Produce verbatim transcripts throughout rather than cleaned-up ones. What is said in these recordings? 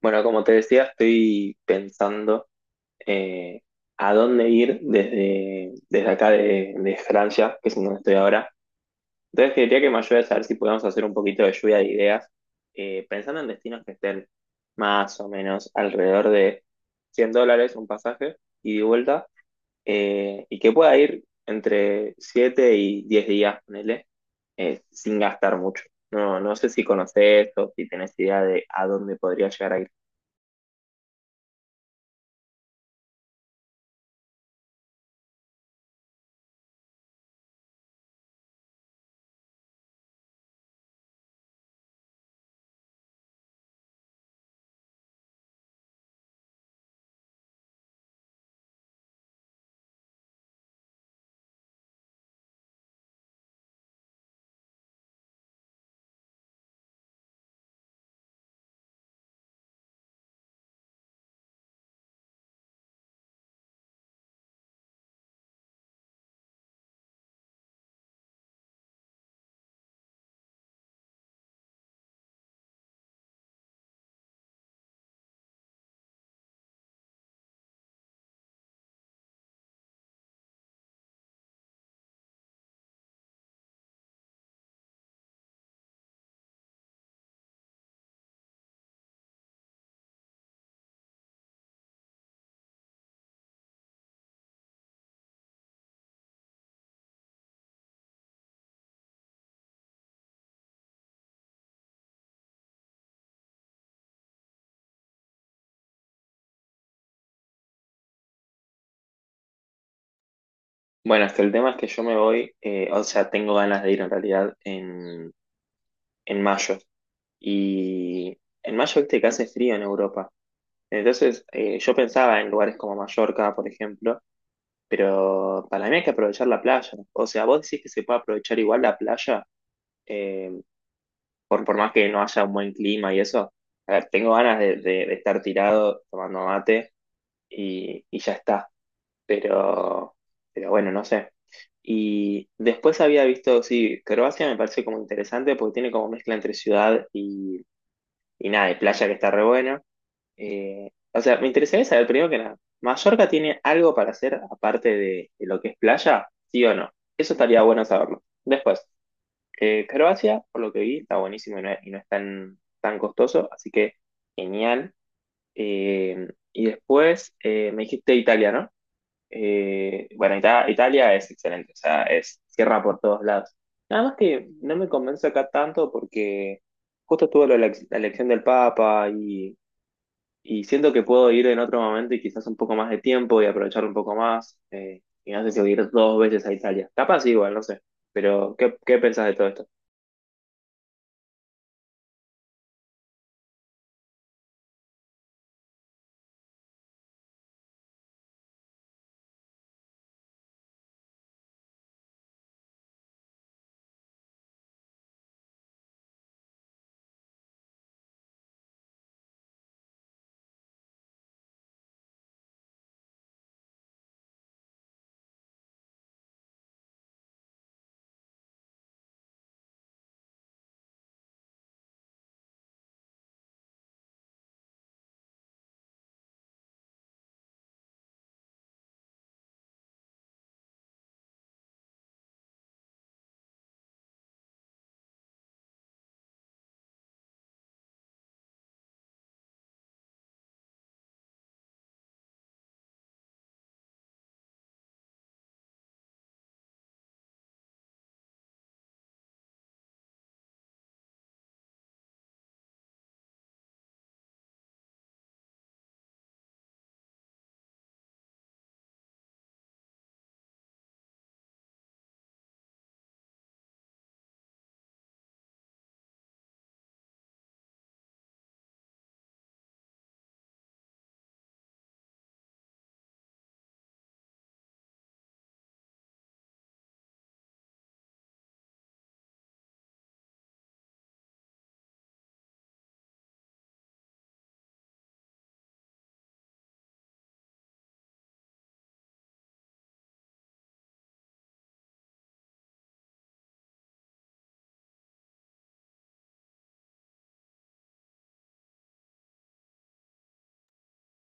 Bueno, como te decía, estoy pensando eh, a dónde ir desde, desde acá de, de Francia, que es en donde estoy ahora. Entonces quería que me ayudes a ver si podemos hacer un poquito de lluvia de ideas, eh, pensando en destinos que estén más o menos alrededor de cien dólares un pasaje ida y de vuelta, eh, y que pueda ir entre siete y diez días, ponele, eh, sin gastar mucho. No, no sé si conoces o si tenés idea de a dónde podría llegar a bueno, es que el tema es que yo me voy, eh, o sea, tengo ganas de ir en realidad en, en mayo. Y en mayo, viste que hace frío en Europa. Entonces, eh, yo pensaba en lugares como Mallorca, por ejemplo, pero para mí hay que aprovechar la playa. O sea, vos decís que se puede aprovechar igual la playa, eh, por, por más que no haya un buen clima y eso. A ver, tengo ganas de, de- de estar tirado tomando mate y, y ya está. pero, pero bueno, no sé. Y después había visto, sí, Croacia me parece como interesante porque tiene como mezcla entre ciudad y, y nada, y playa que está re buena. Eh, o sea, me interesaría saber primero que nada, ¿Mallorca tiene algo para hacer aparte de, de lo que es playa? ¿Sí o no? Eso estaría bueno saberlo. Después, eh, Croacia, por lo que vi, está buenísimo y no, es- y no es tan, tan costoso, así que genial. Eh, y después eh, me dijiste Italia, ¿no? Eh, bueno, Ita- Italia es excelente, o sea, es cierra por todos lados. Nada más que no me convence acá tanto porque justo estuvo lo de la, ex- la elección del Papa y, y siento que puedo ir en otro momento y quizás un poco más de tiempo y aprovechar un poco más. eh, y no sé si voy a ir dos veces a Italia. Capaz igual, no sé. Pero, ¿qué, qué pensás de todo esto?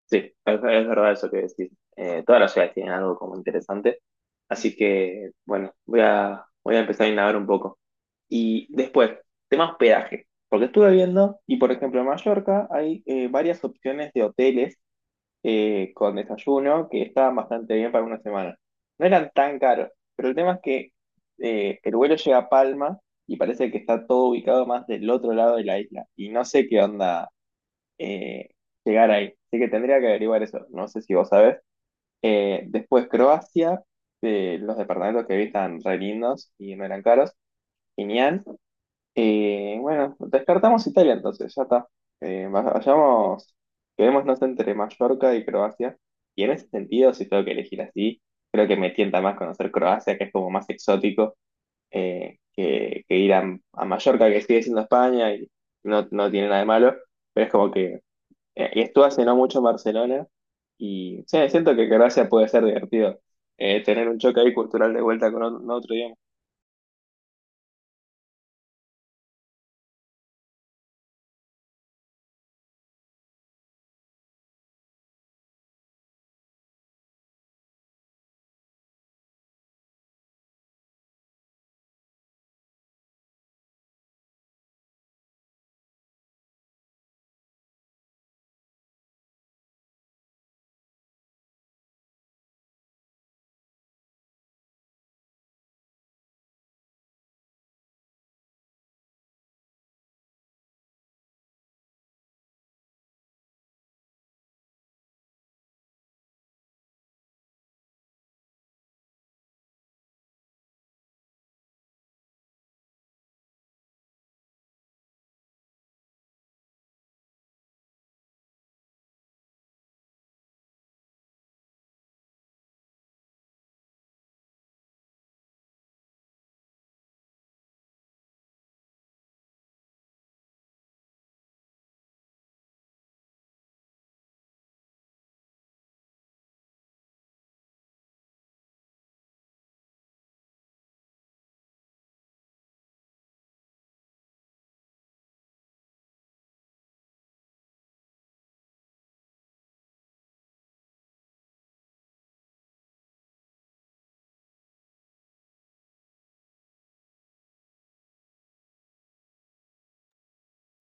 Sí, es, es verdad eso que decís. Eh, todas las ciudades tienen algo como interesante. Así que, bueno, voy a, voy a empezar a indagar un poco. Y después, tema hospedaje. Porque estuve viendo, y por ejemplo en Mallorca hay eh, varias opciones de hoteles eh, con desayuno que estaban bastante bien para una semana. No eran tan caros, pero el tema es que eh, el vuelo llega a Palma y parece que está todo ubicado más del otro lado de la isla. Y no sé qué onda eh, llegar ahí. Así que tendría que averiguar eso. No sé si vos sabés. Eh, después Croacia, eh, los departamentos que vi están re lindos y no eran caros. Genial. Eh, bueno, descartamos Italia entonces, ya está. Eh, vayamos, quedémonos entre Mallorca y Croacia. Y en ese sentido, si tengo que elegir así, creo que me tienta más conocer Croacia, que es como más exótico, eh, que, que ir a, a Mallorca, que sigue siendo España y no, no tiene nada de malo, pero es como que eh, y estuve hace no mucho en Barcelona y sí, siento que Croacia puede ser divertido eh, tener un choque ahí cultural de vuelta con ot- no, otro, idioma.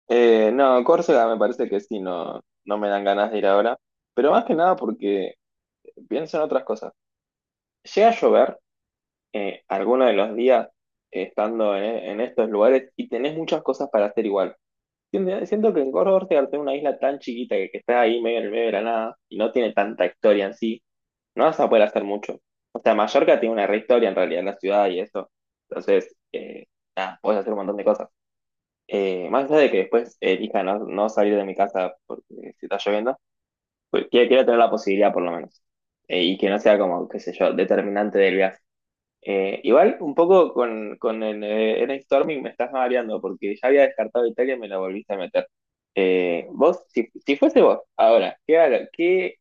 Eh, no, Córcega me parece que sí, no, no me dan ganas de ir ahora, pero más que nada porque pienso en otras cosas. Llega a llover eh, alguno de los días eh, estando en, en estos lugares y tenés muchas cosas para hacer igual. Siento siento que en Córdoba Ortega, al ser una isla tan chiquita que, que está ahí medio en el medio de la nada y no tiene tanta historia en sí, no vas a poder hacer mucho. O sea, Mallorca tiene una re historia en realidad, la ciudad y eso. Entonces, eh, nada, podés hacer un montón de cosas. Eh, más allá de que después eh, elija no, no salir de mi casa porque se está lloviendo, pues quiero, quiero tener la posibilidad por lo menos. Eh, y que no sea como, qué sé yo, determinante del viaje. Eh, igual, un poco con, con el eh, Eric Storming me estás mareando porque ya había descartado Italia y me la volviste a meter. Eh, vos, si, si fuese vos, ahora, ¿qué, haga- qué,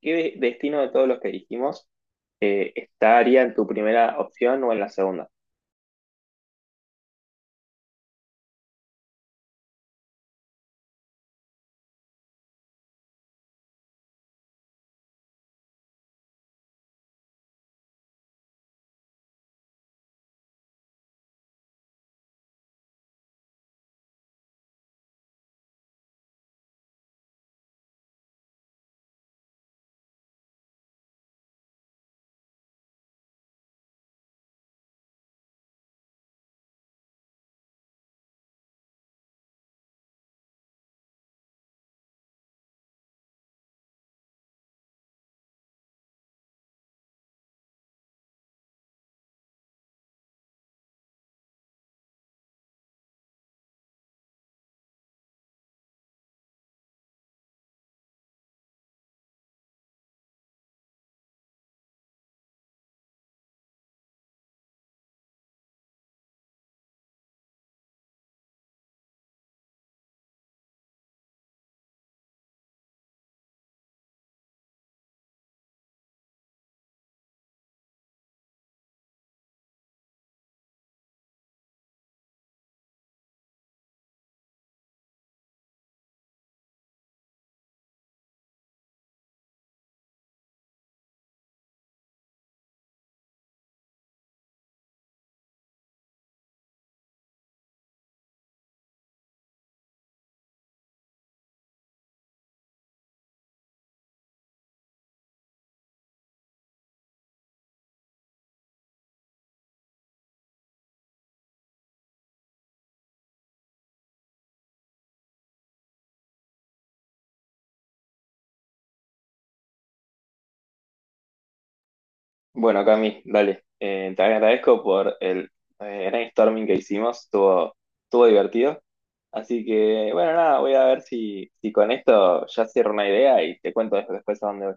qué de- destino de todos los que dijimos eh, estaría en tu primera opción o en la segunda? Bueno, Cami, dale. Eh, te agradezco por el eh, brainstorming que hicimos, estuvo, estuvo divertido. Así que, bueno, nada, voy a ver si, si con esto ya cierro una idea y te cuento después a dónde voy.